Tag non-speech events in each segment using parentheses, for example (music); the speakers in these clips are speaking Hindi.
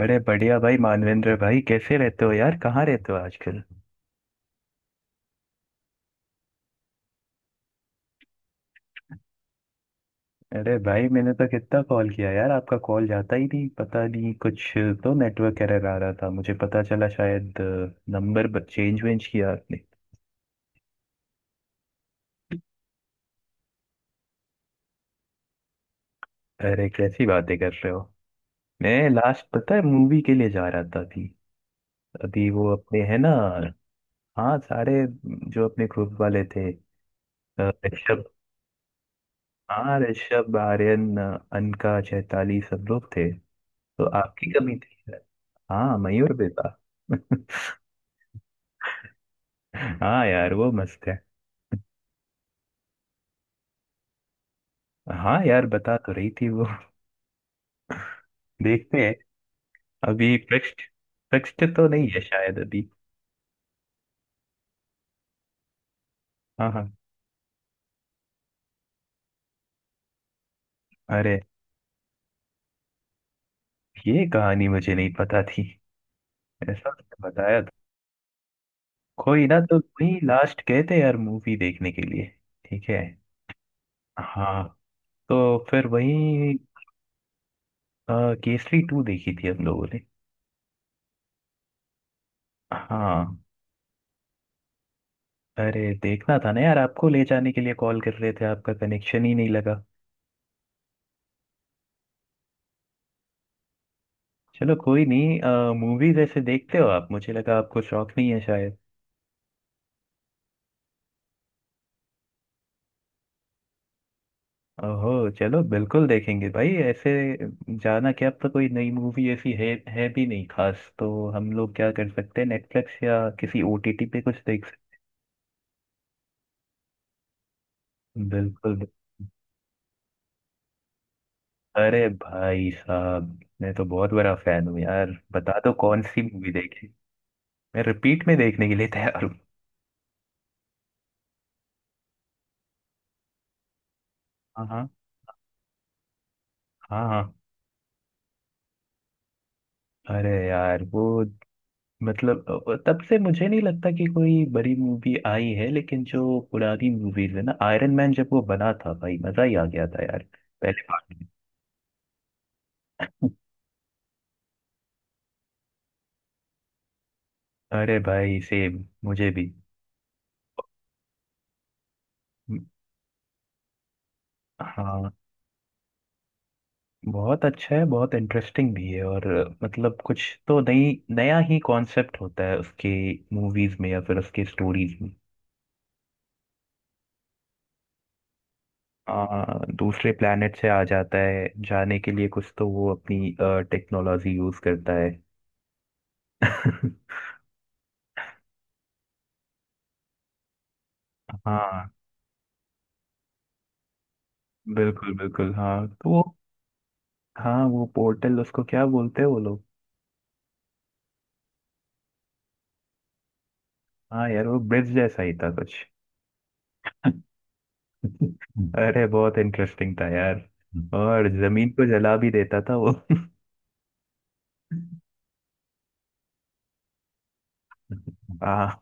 अरे बढ़िया भाई। मानवेंद्र भाई, कैसे रहते हो यार? कहाँ रहते हो आजकल? अरे भाई मैंने तो कितना कॉल किया यार, आपका कॉल जाता ही नहीं। पता नहीं, कुछ तो नेटवर्क एरर आ रहा था मुझे पता चला शायद। नंबर चेंज वेंज किया आपने? अरे कैसी बातें कर रहे हो। मैं लास्ट पता है मूवी के लिए जा रहा था अभी अभी, वो अपने है ना। हाँ सारे, जो अपने ग्रुप वाले थे। ऋषभ, हाँ ऋषभ, आर्यन, अनका, चैताली, सब लोग थे। तो आपकी कमी थी सर। हाँ मयूर बेता। (laughs) हाँ यार वो मस्त है। हाँ यार बता तो रही थी वो। (laughs) देखते हैं। अभी फिक्स्ड, फिक्स्ड तो नहीं है शायद अभी। हाँ हाँ। अरे, ये कहानी मुझे नहीं पता थी। ऐसा उसने बताया था। कोई ना, तो वही लास्ट गए थे यार मूवी देखने के लिए। ठीक है। हाँ, तो फिर वही। केसरी टू देखी थी हम लोगों ने। हाँ। अरे देखना था ना यार, आपको ले जाने के लिए कॉल कर रहे थे, आपका कनेक्शन ही नहीं लगा। चलो कोई नहीं। मूवी जैसे देखते हो आप, मुझे लगा आपको शौक नहीं है शायद। ओहो चलो बिल्कुल देखेंगे भाई। ऐसे जाना क्या, अब तो कोई नई मूवी ऐसी है भी नहीं खास, तो हम लोग क्या कर सकते हैं, नेटफ्लिक्स या किसी ओटीटी पे कुछ देख सकते हैं। बिल्कुल। अरे भाई साहब, मैं तो बहुत बड़ा फैन हूँ यार। बता दो कौन सी मूवी देखी, मैं रिपीट में देखने के लिए तैयार हूँ। हाँ हाँ। हाँ हाँ। अरे यार वो, मतलब तब से मुझे नहीं लगता कि कोई बड़ी मूवी आई है, लेकिन जो पुरानी मूवीज है ना, आयरन मैन जब वो बना था भाई मजा ही आ गया था यार। पहले part में। अरे भाई सेम मुझे भी। म- हाँ बहुत अच्छा है, बहुत इंटरेस्टिंग भी है और मतलब कुछ तो नई नया ही कॉन्सेप्ट होता है उसके मूवीज में या फिर उसके स्टोरीज में। दूसरे प्लेनेट से आ जाता है, जाने के लिए कुछ तो वो अपनी टेक्नोलॉजी यूज करता है। हाँ। बिल्कुल बिल्कुल। हाँ तो वो, हाँ वो पोर्टल उसको क्या बोलते हैं वो लोग? हाँ यार वो ब्रिज जैसा ही था कुछ। (laughs) अरे बहुत इंटरेस्टिंग था यार। और जमीन को जला भी देता था वो। (laughs) हाँ।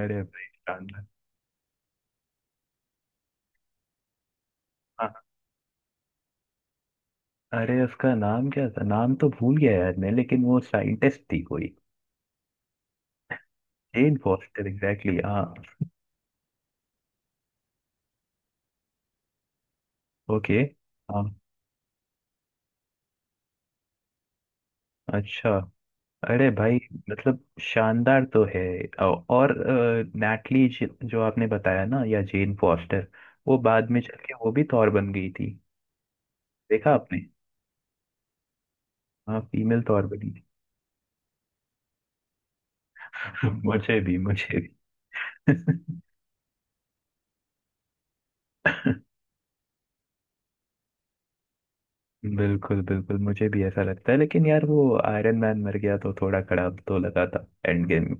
अरे भाई शानदार। हाँ। अरे उसका नाम क्या था, नाम तो भूल गया यार मैं, लेकिन वो साइंटिस्ट थी कोई। जेन फॉस्टर, एग्जैक्टली, हाँ। ओके। हाँ। अच्छा। अरे भाई, मतलब शानदार तो है। और नैटली, जो आपने बताया ना, या जेन फॉस्टर, वो बाद में चल के वो भी थॉर बन गई थी, देखा आपने? हाँ फीमेल थॉर बनी थी। (laughs) मुझे भी, मुझे भी। (laughs) बिल्कुल बिल्कुल, मुझे भी ऐसा लगता है, लेकिन यार वो आयरन मैन मर गया तो थोड़ा खराब तो लगा था एंड गेम में।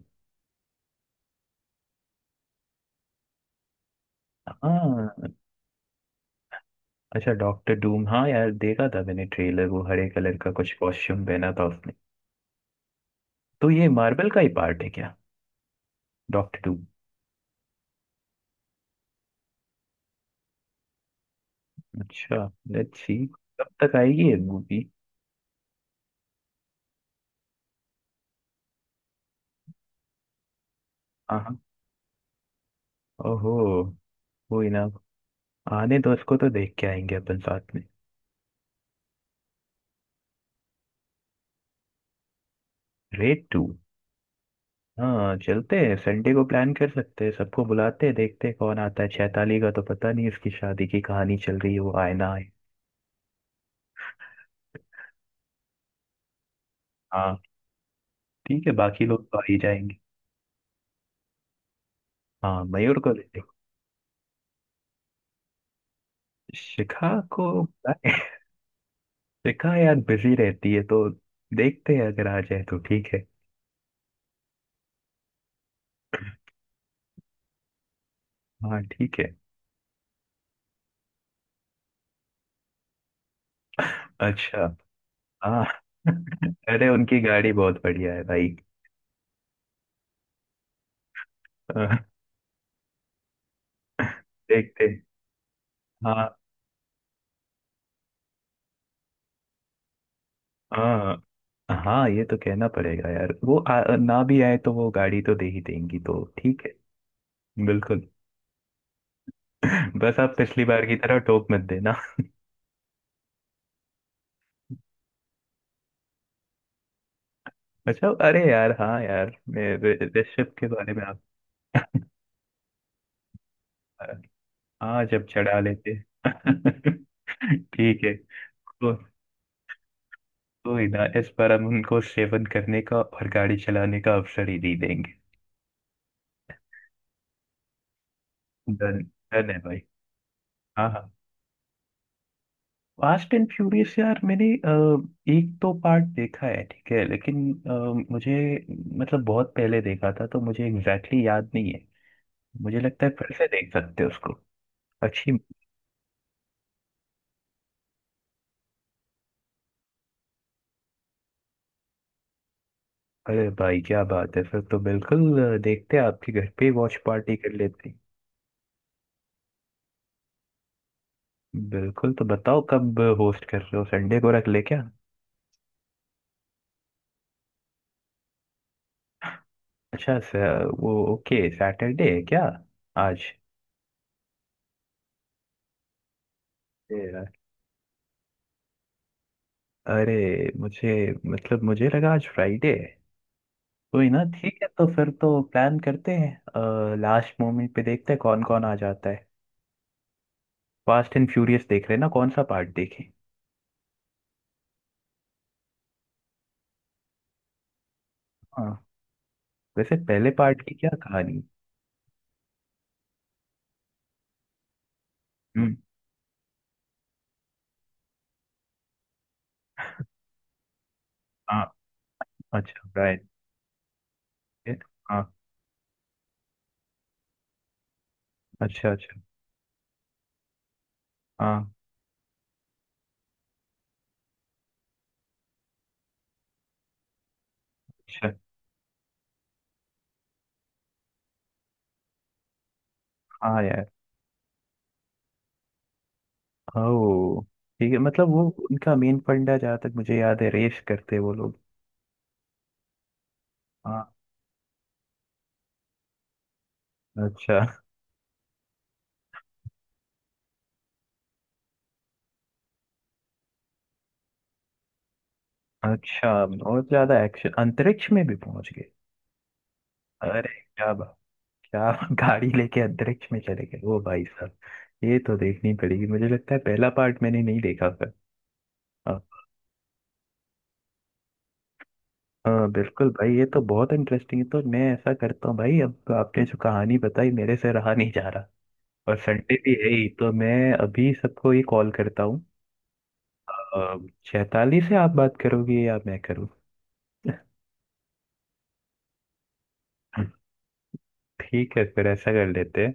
हाँ। अच्छा डॉक्टर डूम, हाँ यार देखा था मैंने ट्रेलर, वो हरे कलर का कुछ कॉस्ट्यूम पहना था उसने। तो ये मार्वल का ही पार्ट है क्या? Doctor Doom. अच्छा। लेट्स सी, कब तक आएगी ये मूवी? हाँ हाँ। ओहो। वही ना। आने दो उसको, तो देख के आएंगे अपन साथ में। रेड टू। हाँ चलते हैं, संडे को प्लान कर सकते हैं, सबको बुलाते हैं, देखते हैं कौन आता है। चैताली का तो पता नहीं, उसकी शादी की कहानी चल रही है, वो आए ना आए। हाँ ठीक है, बाकी लोग तो आ ही जाएंगे। हाँ मयूर को लेते हैं। शिखा को बुलाएं। (laughs) शिखा यार बिजी रहती है तो देखते हैं, अगर आ जाए तो ठीक है। हाँ ठीक है। अच्छा। हाँ। (laughs) अरे उनकी गाड़ी बहुत बढ़िया है भाई। अह, देखते। हाँ हाँ। हाँ ये तो कहना पड़ेगा यार वो ना भी आए तो वो गाड़ी तो दे ही देंगी, तो ठीक है। बिल्कुल। (laughs) बस आप पिछली बार की तरह टोक मत देना। अच्छा, अरे यार हाँ यार, मैं ऋषभ के बारे में आप। हाँ जब चढ़ा लेते। (laughs) ठीक है। को, कोई ना, इस बार हम उनको सेवन करने का और गाड़ी चलाने का अवसर ही दे देंगे। धन धन है भाई। हाँ हाँ। फास्ट एंड फ्यूरियस यार मैंने एक दो पार्ट देखा है, ठीक है, लेकिन मुझे मतलब बहुत पहले देखा था, तो मुझे एग्जैक्टली याद नहीं है। मुझे लगता है फिर से देख सकते हैं उसको। अच्छी। अरे भाई क्या बात है, फिर तो बिल्कुल, देखते हैं आपके घर पे वॉच पार्टी कर लेते हैं। बिल्कुल, तो बताओ कब होस्ट कर रहे हो, संडे को रख ले क्या? अच्छा स- वो, ओके सैटरडे है क्या आज? ए यार, अरे मुझे मतलब मुझे लगा आज फ्राइडे है। कोई ना ठीक है, तो फिर तो प्लान करते हैं, लास्ट मोमेंट पे देखते हैं कौन कौन आ जाता है। फास्ट एंड फ्यूरियस देख रहे हैं ना, कौन सा पार्ट देखें? हाँ, वैसे पहले पार्ट की क्या कहानी? हम्म। हाँ। अच्छा राइट। हाँ। अच्छा अच्छा। हाँ। अच्छा। हाँ यार। ओ ठीक है, मतलब वो उनका मेन फंडा जहाँ तक मुझे याद है रेस करते वो लोग। हाँ। अच्छा अच्छा। और ज्यादा एक्शन, अंतरिक्ष में भी पहुंच गए? अरे क्या बात, क्या, (laughs) गाड़ी लेके अंतरिक्ष में चले गए वो भाई साहब। ये तो देखनी पड़ेगी, मुझे लगता है पहला पार्ट मैंने नहीं देखा था। हाँ। हाँ, बिल्कुल भाई ये तो बहुत इंटरेस्टिंग है, तो मैं ऐसा करता हूँ भाई, अब तो आपने जो कहानी बताई मेरे से रहा नहीं जा रहा, और संडे भी है ही तो मैं अभी सबको ये कॉल करता हूँ। अ, चैताली से आप बात करोगे या मैं करूँ? (laughs) ठीक है फिर ऐसा कर लेते हैं।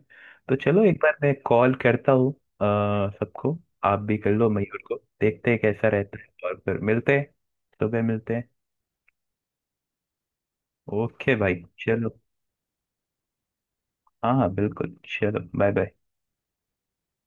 तो चलो एक बार मैं कॉल करता हूँ अ, सबको। आप भी कर लो मयूर को, देखते हैं कैसा रहता है और फिर मिलते हैं। सुबह मिलते हैं। ओके भाई। चलो, हाँ हाँ बिल्कुल। चलो बाय बाय।